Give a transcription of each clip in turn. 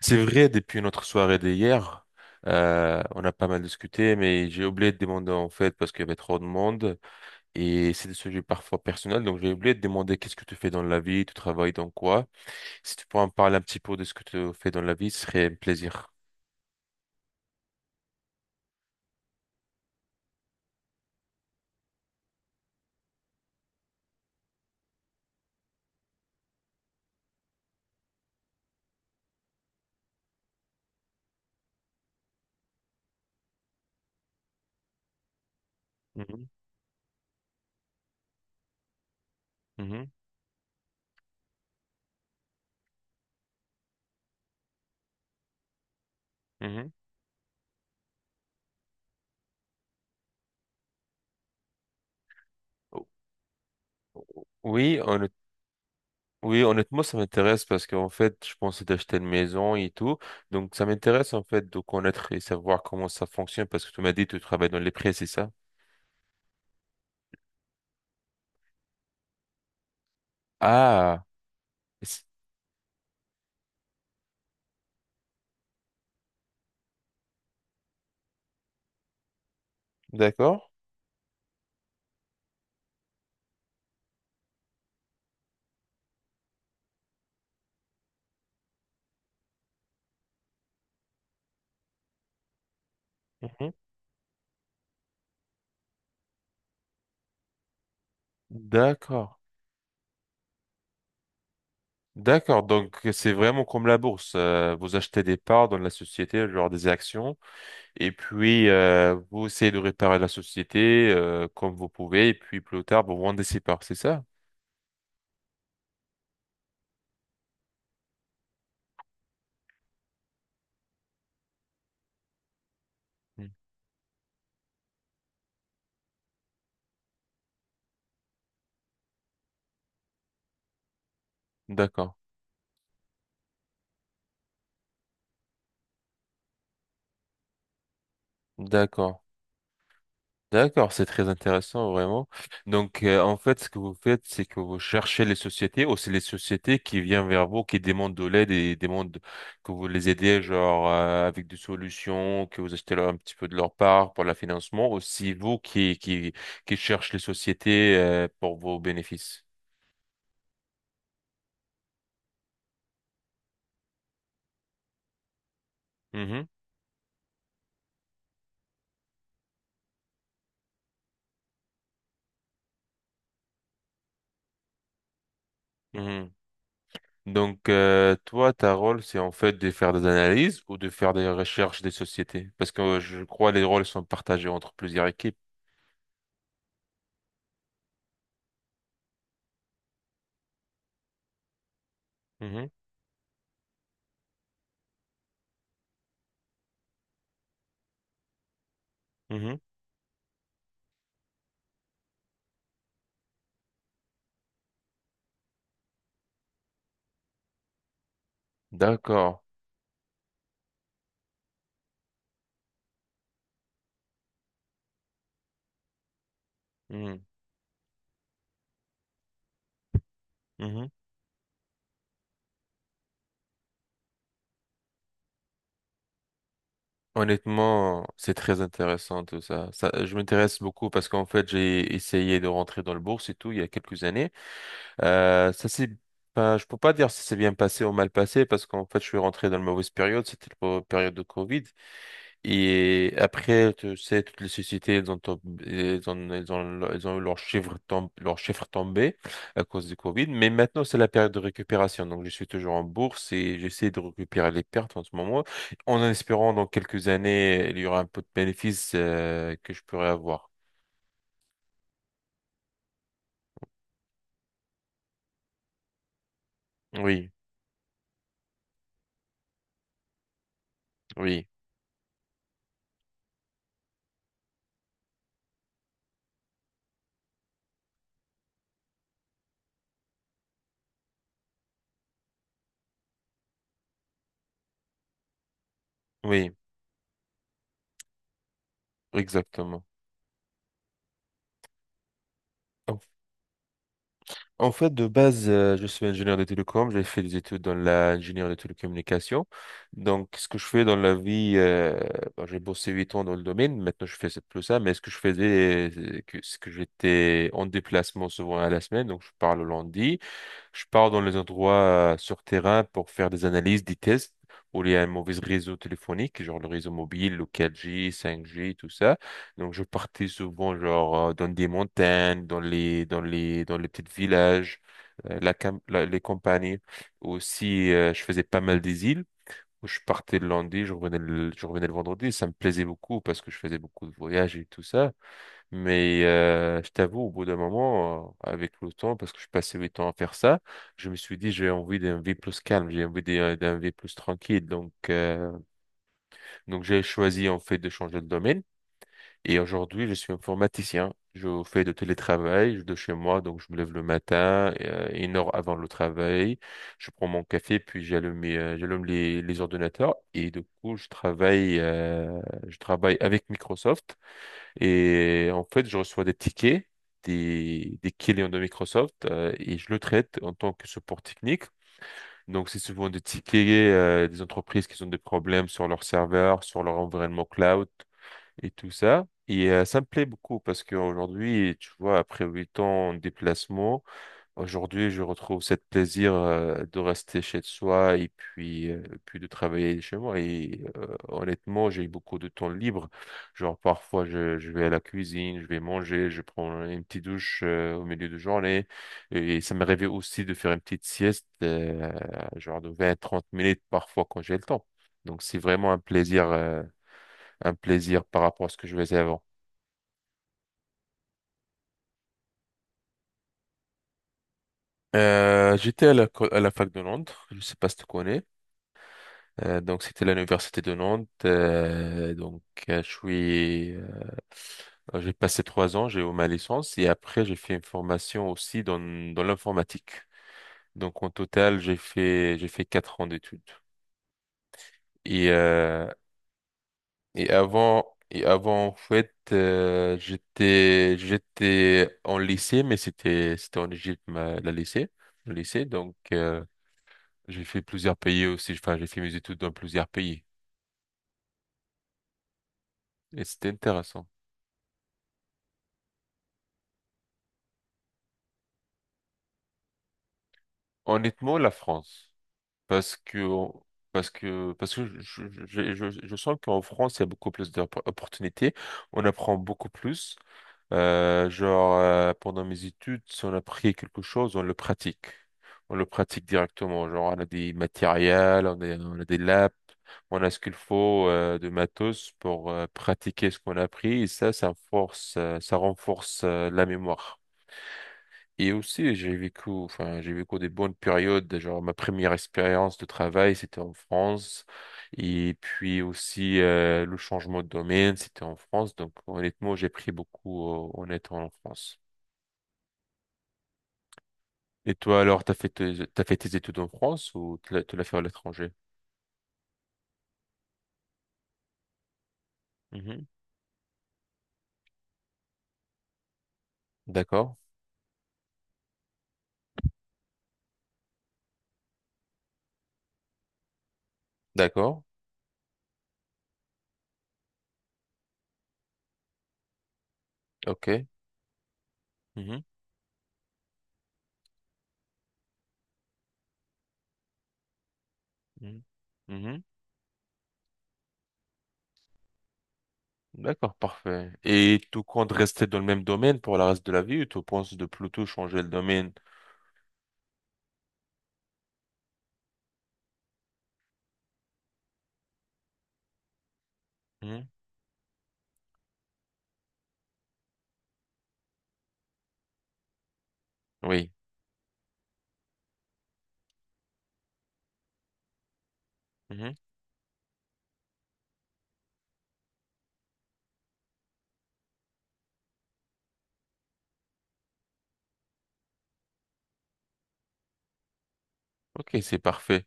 C'est vrai, depuis notre soirée d'hier, on a pas mal discuté, mais j'ai oublié de demander en fait parce qu'il y avait trop de monde et c'est des sujets parfois personnels, donc j'ai oublié de demander qu'est-ce que tu fais dans la vie, tu travailles dans quoi. Si tu pourrais en parler un petit peu de ce que tu fais dans la vie, ce serait un plaisir. Mhm, mhm, mhm. O- Oui, honnêt- oui, honnêtement, ça m'intéresse parce qu'en fait, je pensais d'acheter une maison et tout. Donc, ça m'intéresse en fait de connaître et savoir comment ça fonctionne parce que tu m'as dit que tu travailles dans les prêts, c'est ça? Ah, c- d'accord. Mhm. D'accord. D'accord. Donc, c'est vraiment comme la bourse. Vous achetez des parts dans la société, genre des actions, et puis vous essayez de réparer la société comme vous pouvez, et puis plus tard, vous vendez ces parts, c'est ça? Mm. D'accord. D'accord. D'accord, c'est très intéressant vraiment. Donc en fait, ce que vous faites, c'est que vous cherchez les sociétés ou c'est les sociétés qui viennent vers vous, qui demandent de l'aide et demandent que vous les aidez genre avec des solutions, que vous achetez leur un petit peu de leur part pour le financement, ou c'est vous qui qui cherchez les sociétés pour vos bénéfices. Mhm, mhm. Donc toi, ta rôle, c'est en fait de faire des analyses ou de faire des recherches des sociétés, parce que je crois les rôles sont partagés entre plusieurs équipes. Mhm, mhm. D'accord. Hmm. Mhm. Honnêtement, c'est très intéressant tout ça. Ça, je m'intéresse beaucoup parce qu'en fait, j'ai essayé de rentrer dans le bourse et tout il y a quelques années. Ça c'est pas, je peux pas dire si c'est bien passé ou mal passé parce qu'en fait, je suis rentré dans la mauvaise période. C'était la période de Covid. Et après, tu sais, toutes les sociétés, elles ont, elles ont eu leurs chiffres tombés à cause du Covid. Mais maintenant, c'est la période de récupération. Donc, je suis toujours en bourse et j'essaie de récupérer les pertes en ce moment, en espérant dans quelques années, il y aura un peu de bénéfices que je pourrai avoir. Oui, oui, oui, exactement. En fait, de base, je suis ingénieur de télécom. J'ai fait des études dans l'ingénieur de télécommunications. Donc, ce que je fais dans la vie, bon, j'ai bossé 8 ans dans le domaine. Maintenant, je fais plus ça. Mais ce que je faisais, c'est que j'étais en déplacement souvent à la semaine. Donc, je pars le lundi. Je pars dans les endroits sur terrain pour faire des analyses, des tests, où il y a un mauvais réseau téléphonique, genre le réseau mobile, le 4G, 5G, tout ça. Donc, je partais souvent, dans des montagnes, dans les petits villages, les campagnes. Aussi, je faisais pas mal des îles. Où Je partais le lundi, je revenais le vendredi. Ça me plaisait beaucoup parce que je faisais beaucoup de voyages et tout ça. Mais je t'avoue, au bout d'un moment, avec le temps, parce que je passais 8 ans à faire ça, je me suis dit, j'ai envie d'un vie plus calme, j'ai envie d'un vie plus tranquille. Donc j'ai choisi en fait de changer de domaine. Et aujourd'hui, je suis informaticien. Je fais de télétravail de chez moi, donc je me lève le matin, 1 heure avant le travail. Je prends mon café, puis j'allume les ordinateurs. Et du coup, je travaille avec Microsoft. Et en fait, je reçois des tickets des clients de Microsoft et je le traite en tant que support technique. Donc, c'est souvent des tickets des entreprises qui ont des problèmes sur leur serveur, sur leur environnement cloud et tout ça. Et ça me plaît beaucoup parce qu'aujourd'hui, tu vois, après huit ans en déplacement, aujourd'hui, je retrouve cette plaisir de rester chez soi et puis, puis de travailler chez moi. Et honnêtement, j'ai beaucoup de temps libre. Genre, parfois, je vais à la cuisine, je vais manger, je prends une petite douche au milieu de journée. Et ça m'est arrivé aussi de faire une petite sieste, genre de 20 à 30 minutes parfois quand j'ai le temps. Donc, c'est vraiment un plaisir par rapport à ce que je faisais avant. J'étais à la, co- à la fac de Londres, je sais pas si tu connais. Donc c'était à l'université de Nantes. Euh, je suis, euh, j'ai passé 3 ans, j'ai eu ma licence et après j'ai fait une formation aussi dans l'informatique. Donc en total j'ai fait 4 ans d'études. Et euh, et avant en fait j'étais en lycée mais c'était en Égypte la lycée le lycée j'ai fait plusieurs pays aussi. Enfin j'ai fait mes études dans plusieurs pays et c'était intéressant. Honnêtement, la France. Parce que, parce que je sens qu'en France, il y a beaucoup plus d'opportunités. On apprend beaucoup plus. Pendant mes études, si on a appris quelque chose, on le pratique. On le pratique directement. Genre, on a des matériels, on a des labs, on a ce qu'il faut de matos pour pratiquer ce qu'on a appris. Et ça, ça renforce la mémoire. Et aussi, j'ai vécu des bonnes périodes. Genre, ma première expérience de travail, c'était en France. Et puis aussi, le changement de domaine, c'était en France. Donc, honnêtement, j'ai pris beaucoup, en étant en France. Et toi, alors, t'as fait tes études en France ou tu l'as fait à l'étranger? Mhm. D'accord. D'accord. OK. Mhm. Mhm. Mhm. D'accord, parfait. Et tu comptes rester dans le même domaine pour le reste de la vie ou tu penses de plutôt changer le domaine? Mhm. Oui. Mhm. Ok, c'est parfait.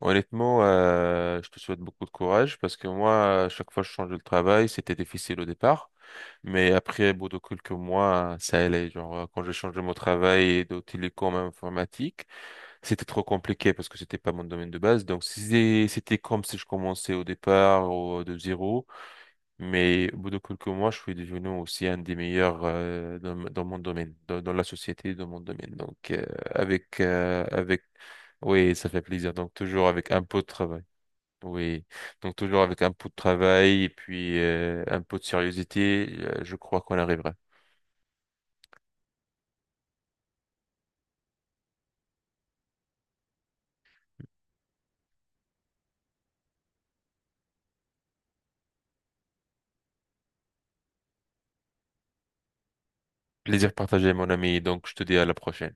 Honnêtement, je te souhaite beaucoup de courage parce que moi, à chaque fois que je changeais de travail, c'était difficile au départ. Mais après, bout de quelques mois, ça allait. Quand j'ai changé mon travail de télécom à informatique, c'était trop compliqué parce que c'était pas mon domaine de base. Donc, si c'était comme si je commençais au départ ou de zéro, mais au bout de quelques mois, je suis devenu aussi un des meilleurs dans mon domaine, dans la société, dans mon domaine. Avec, euh, avec, oui, ça fait plaisir. Donc, toujours avec un peu de travail. Oui, donc toujours avec un peu de travail et puis un peu de sérieuxité, je crois qu'on arrivera. Plaisir partagé, mon ami. Donc, je te dis à la prochaine.